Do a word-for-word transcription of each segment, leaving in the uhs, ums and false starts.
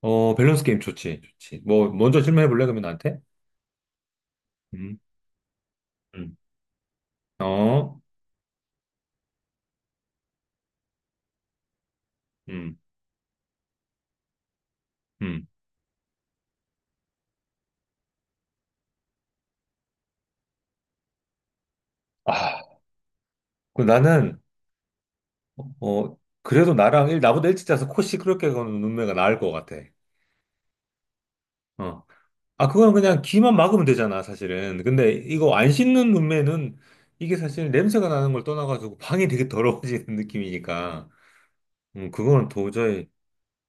어, 밸런스 게임 좋지, 좋지. 뭐, 먼저 질문해 볼래, 그러면 나한테? 음, 음. 어, 음, 음. 아, 그 나는, 어, 그래도 나랑, 일, 나보다 일찍 자서 코 시끄럽게 거는 눈매가 나을 것 같아. 어. 아, 그건 그냥 귀만 막으면 되잖아, 사실은. 근데 이거 안 씻는 눈매는 이게 사실 냄새가 나는 걸 떠나가지고 방이 되게 더러워지는 느낌이니까. 음, 그거는 도저히,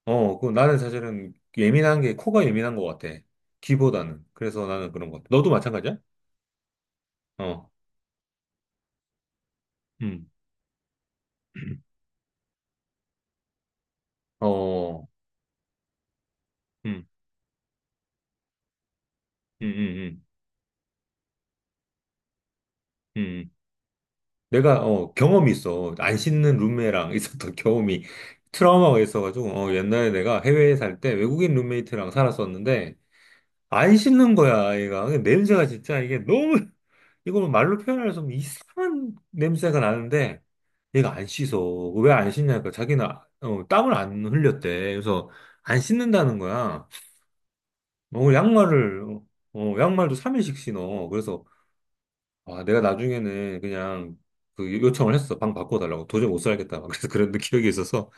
어, 그 나는 사실은 예민한 게, 코가 예민한 것 같아. 귀보다는. 그래서 나는 그런 것 같아. 너도 마찬가지야? 어. 음, 어, 음, 음, 음, 음, 음. 내가 어 경험이 있어. 안 씻는 룸메랑 있었던 경험이 트라우마가 있어가지고 어 옛날에 내가 해외에 살 때 외국인 룸메이트랑 살았었는데 안 씻는 거야 얘가. 근데 냄새가 진짜 이게 너무 이거 말로 표현할 수 없는 이상한 냄새가 나는데 얘가 안 씻어. 왜 안 씻냐니까 자기는 어, 땀을 안 흘렸대. 그래서 안 씻는다는 거야. 어, 양말을 어, 양말도 삼 일씩 신어. 그래서 아, 내가 나중에는 그냥 그 요청을 했어. 방 바꿔달라고. 도저히 못 살겠다. 막 그래서 그런 기억이 있어서.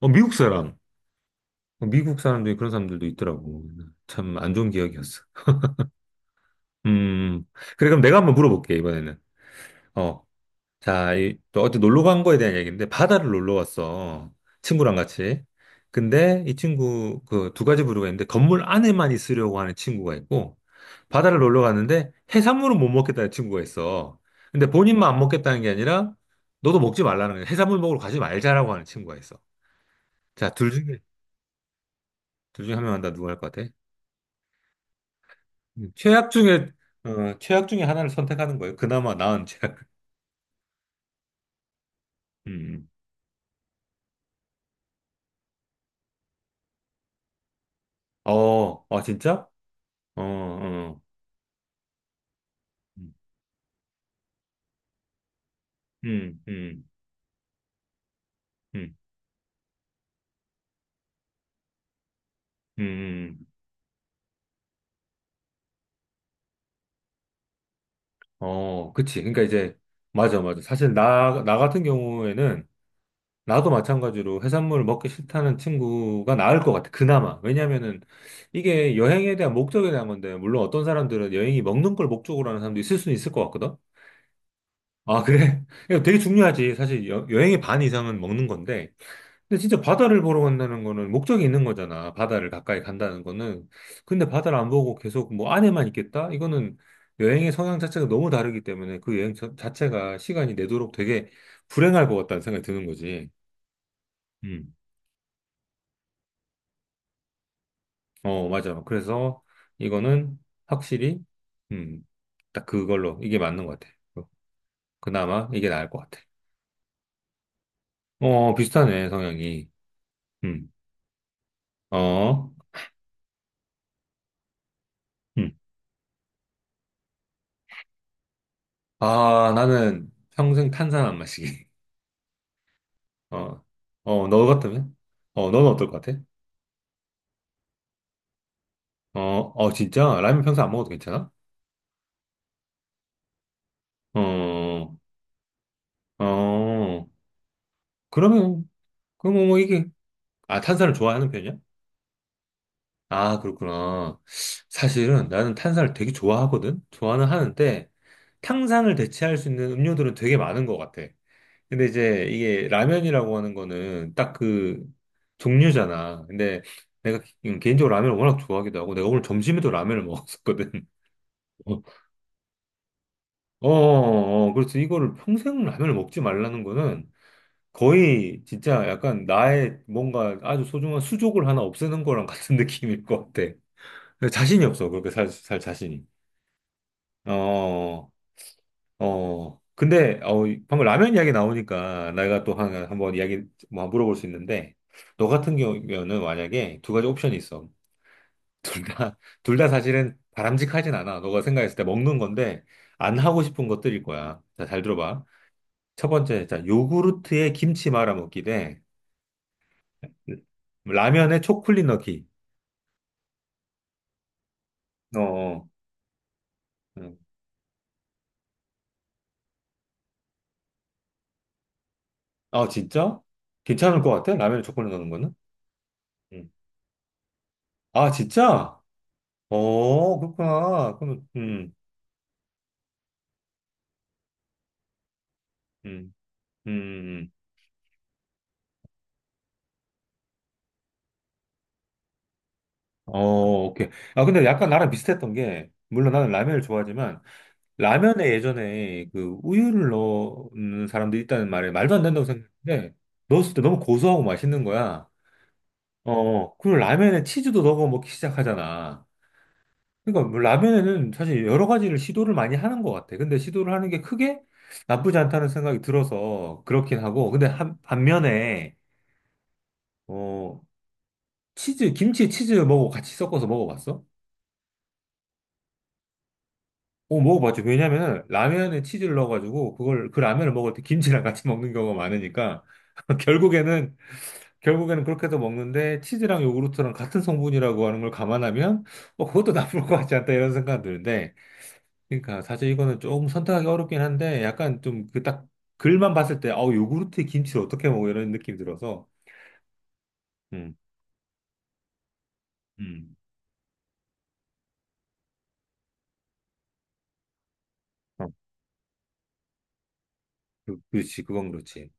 어, 미국 사람. 어, 미국 사람들이 그런 사람들도 있더라고. 참 안 좋은 기억이었어. 음. 그래, 그럼 내가 한번 물어볼게, 이번에는. 어. 자, 이, 또 어디 놀러 간 거에 대한 얘기인데 바다를 놀러 왔어. 친구랑 같이. 근데 이 친구 그 두 가지 부류가 있는데, 건물 안에만 있으려고 하는 친구가 있고 바다를 놀러 갔는데 해산물은 못 먹겠다는 친구가 있어. 근데 본인만 안 먹겠다는 게 아니라 너도 먹지 말라는 거야. 해산물 먹으러 가지 말자라고 하는 친구가 있어. 자, 둘 중에 둘 중에 한 명 한다, 누구 할 것 같아? 음, 최악 중에 어, 최악 중에 하나를 선택하는 거예요. 그나마 나은 최악. 음. 음. 어, 아 진짜? 어, 어. 음, 음, 음, 음, 어, 그치. 그러니까 이제, 맞아, 맞아. 사실 나, 나 같은 경우에는, 나도 마찬가지로 해산물을 먹기 싫다는 친구가 나을 것 같아. 그나마. 왜냐면은, 이게 여행에 대한 목적에 대한 건데, 물론 어떤 사람들은 여행이 먹는 걸 목적으로 하는 사람도 있을 수는 있을 것 같거든? 아, 그래? 이거 되게 중요하지. 사실 여, 여행의 반 이상은 먹는 건데, 근데 진짜 바다를 보러 간다는 거는 목적이 있는 거잖아. 바다를 가까이 간다는 거는. 근데 바다를 안 보고 계속 뭐 안에만 있겠다? 이거는 여행의 성향 자체가 너무 다르기 때문에 그 여행 자- 자체가 시간이 내도록 되게 불행할 것 같다는 생각이 드는 거지. 음. 어, 맞아. 그래서 이거는 확실히, 음, 딱 그걸로 이게 맞는 것 같아. 어, 그나마 이게 나을 것 같아. 어, 비슷하네, 성향이. 음, 어, 음. 아, 나는 평생 탄산 안 마시기. 어, 어, 너 같으면? 어, 너는 어떨 것 같아? 어, 어, 진짜? 라면 평소 안 먹어도 괜찮아? 어, 어, 그러면, 그럼 뭐, 뭐 이게, 아, 탄산을 좋아하는 편이야? 아, 그렇구나. 사실은 나는 탄산을 되게 좋아하거든? 좋아는 하는데, 탕산을 대체할 수 있는 음료들은 되게 많은 것 같아. 근데 이제 이게 라면이라고 하는 거는 딱 그 종류잖아. 근데 내가 개- 개인적으로 라면을 워낙 좋아하기도 하고, 내가 오늘 점심에도 라면을 먹었었거든. 어, 어, 어, 그래서 이거를 평생 라면을 먹지 말라는 거는 거의 진짜 약간 나의 뭔가 아주 소중한 수족을 하나 없애는 거랑 같은 느낌일 것 같아. 자신이 없어, 그렇게 살, 살 자신이. 어, 어. 어. 근데, 어, 방금 라면 이야기 나오니까 내가 또 하나 한번 이야기 뭐 물어볼 수 있는데, 너 같은 경우에는 만약에 두 가지 옵션이 있어. 둘 다, 둘 다 사실은 바람직하진 않아. 너가 생각했을 때 먹는 건데, 안 하고 싶은 것들일 거야. 자, 잘 들어봐. 첫 번째, 자 요구르트에 김치 말아 먹기 대 라면에 초콜릿 넣기. 어, 어, 음. 아, 진짜? 괜찮을 것 같아? 라면에 초콜릿 넣는 거는? 음. 아, 진짜? 어, 그렇구나. 그럼, 음, 음, 음, 음. 어, 오케이. 아, 근데 약간 나랑 비슷했던 게, 물론 나는 라면을 좋아하지만, 라면에 예전에 그 우유를 넣는 사람들이 있다는 말에 말도 안 된다고 생각했는데, 넣었을 때 너무 고소하고 맛있는 거야. 어, 어. 그리고 라면에 치즈도 넣어 먹기 시작하잖아. 그러니까 뭐 라면에는 사실 여러 가지를 시도를 많이 하는 것 같아. 근데 시도를 하는 게 크게 나쁘지 않다는 생각이 들어서 그렇긴 하고. 근데 한, 반면에, 어, 치즈, 김치에 치즈 먹고 같이 섞어서 먹어봤어? 어, 먹어봤지. 왜냐면은 라면에 치즈를 넣어가지고 그걸, 그 라면을 먹을 때 김치랑 같이 먹는 경우가 많으니까. 결국에는, 결국에는 그렇게 해서 먹는데, 치즈랑 요구르트랑 같은 성분이라고 하는 걸 감안하면 뭐 그것도 나쁠 것 같지 않다 이런 생각이 드는데, 그러니까 사실 이거는 조금 선택하기 어렵긴 한데 약간 좀 그 딱 글만 봤을 때 아우 요구르트에 김치를 어떻게 먹어 이런 느낌이 들어서. 음, 음. 어, 그, 그렇지 그건 그렇지.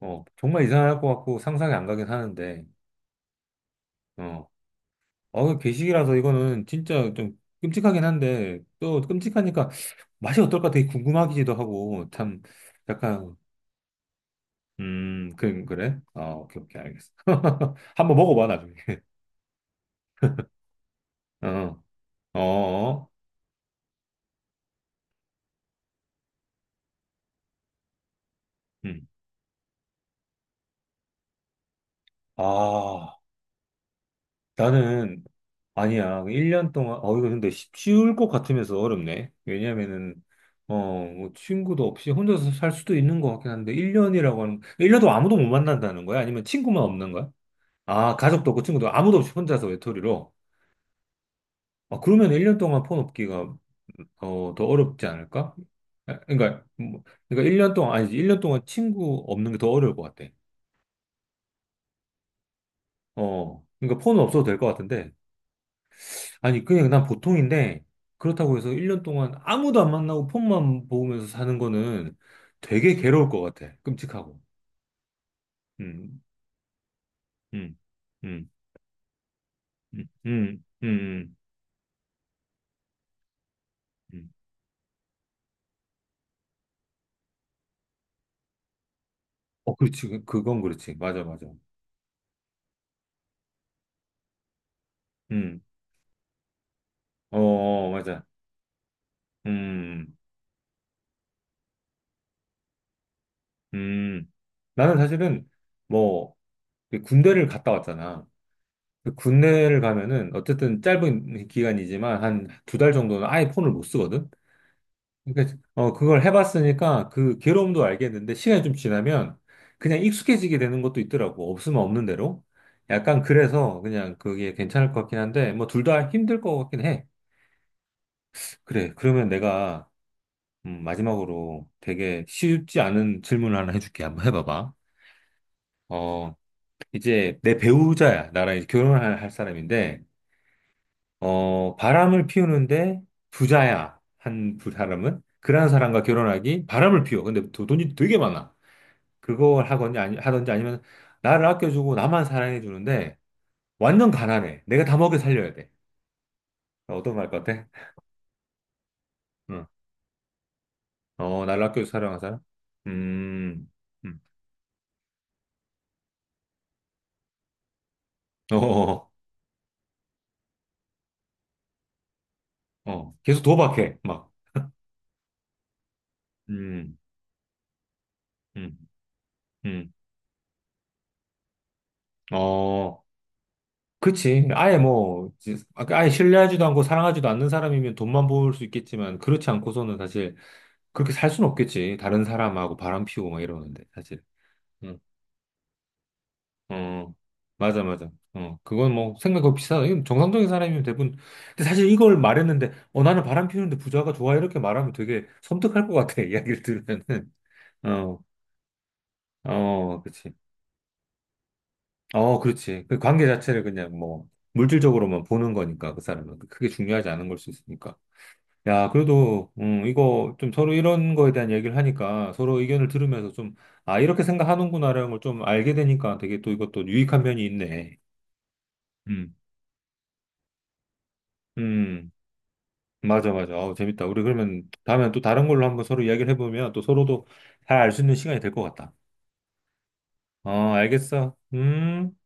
어 정말 이상할 것 같고 상상이 안 가긴 하는데. 어, 어 괴식이라서 이거는 진짜 좀 끔찍하긴 한데 또 끔찍하니까 맛이 어떨까 되게 궁금하기도 하고 참 약간. 음 그, 그래 아 오케이, 오케이 알겠어. 한번 먹어봐 나중에. 어 어, 음. 아 나는 아니야. 일 년 동안, 어 이거 근데 쉽- 쉬울 것 같으면서 어렵네. 왜냐면은 어뭐 친구도 없이 혼자서 살 수도 있는 것 같긴 한데, 일 년이라고 하는 일 년도 아무도 못 만난다는 거야? 아니면 친구만 없는 거야? 아, 가족도 없고 친구도 아무도 없이 혼자서 외톨이로. 아, 그러면 일 년 동안 폰 없기가 어, 더 어렵지 않을까? 아, 그러니까 뭐, 그러니까 일 년 동안 아니지. 일 년 동안 친구 없는 게 더 어려울 것 같아. 어. 그러니까 폰은 없어도 될 것 같은데. 아니, 그냥 난 보통인데, 그렇다고 해서 일 년 동안 아무도 안 만나고 폰만 보면서 사는 거는 되게 괴로울 것 같아. 끔찍하고. 음, 음, 음, 음, 음, 음, 음. 음. 어, 그렇지. 그- 그건 그렇지. 맞아, 맞아. 음, 어, 어, 맞아. 음, 음. 나는 사실은 뭐, 그 군대를 갔다 왔잖아. 그 군대를 가면은 어쨌든 짧은 기간이지만 한 두 달 정도는 아예 폰을 못 쓰거든? 그러니까 어 그걸 해봤으니까 그 괴로움도 알겠는데, 시간이 좀 지나면 그냥 익숙해지게 되는 것도 있더라고. 없으면 없는 대로, 약간 그래서 그냥 그게 괜찮을 것 같긴 한데 뭐 둘 다 힘들 것 같긴 해. 그래 그러면 내가, 음, 마지막으로 되게 쉽지 않은 질문을 하나 해줄게. 한번 해봐봐. 어, 이제 내 배우자야. 나랑 이제 결혼을 할, 할 사람인데, 어 바람을 피우는데 부자야. 한 부- 사람은 그러한 사람과 결혼하기. 바람을 피워 근데 도- 돈이 되게 많아. 그걸 하건지 아니 하든지, 아니면 나를 아껴주고 나만 사랑해 주는데 완전 가난해. 내가 다 먹여 살려야 돼. 어떤 거 할 것 같아? 응. 어, 나를 아껴주고 사랑하는 사람? 음. 음. 어. 어. 어. 어. 계속 도박해. 막. 음. 음. 음. 어. 그치. 아예 뭐 지- 아예 신뢰하지도 않고 사랑하지도 않는 사람이면 돈만 벌 수 있겠지만, 그렇지 않고서는 사실 그렇게 살 수는 없겠지. 다른 사람하고 바람 피우고 막 이러는데 사실. 응. 어, 맞아, 맞아. 어, 그건 뭐, 생각 없이 사, 이건 정상적인 사람이면 대부분. 근데 사실 이걸 말했는데, 어, 나는 바람 피우는데 부자가 좋아. 이렇게 말하면 되게 섬뜩할 것 같아. 이야기를 들으면은. 어, 어, 그치. 어, 그렇지. 그 관계 자체를 그냥 뭐, 물질적으로만 보는 거니까, 그 사람은. 그게 중요하지 않은 걸 수 있으니까. 야, 그래도, 음, 이거 좀 서로 이런 거에 대한 얘기를 하니까, 서로 의견을 들으면서 좀, 아, 이렇게 생각하는구나라는 걸 좀 알게 되니까 되게 또 이것도 유익한 면이 있네. 음. 음. 맞아, 맞아. 아우, 재밌다. 우리 그러면 다음에 또 다른 걸로 한번 서로 이야기를 해보면 또 서로도 잘 알 수 있는 시간이 될 것 같다. 어, 알겠어. 음.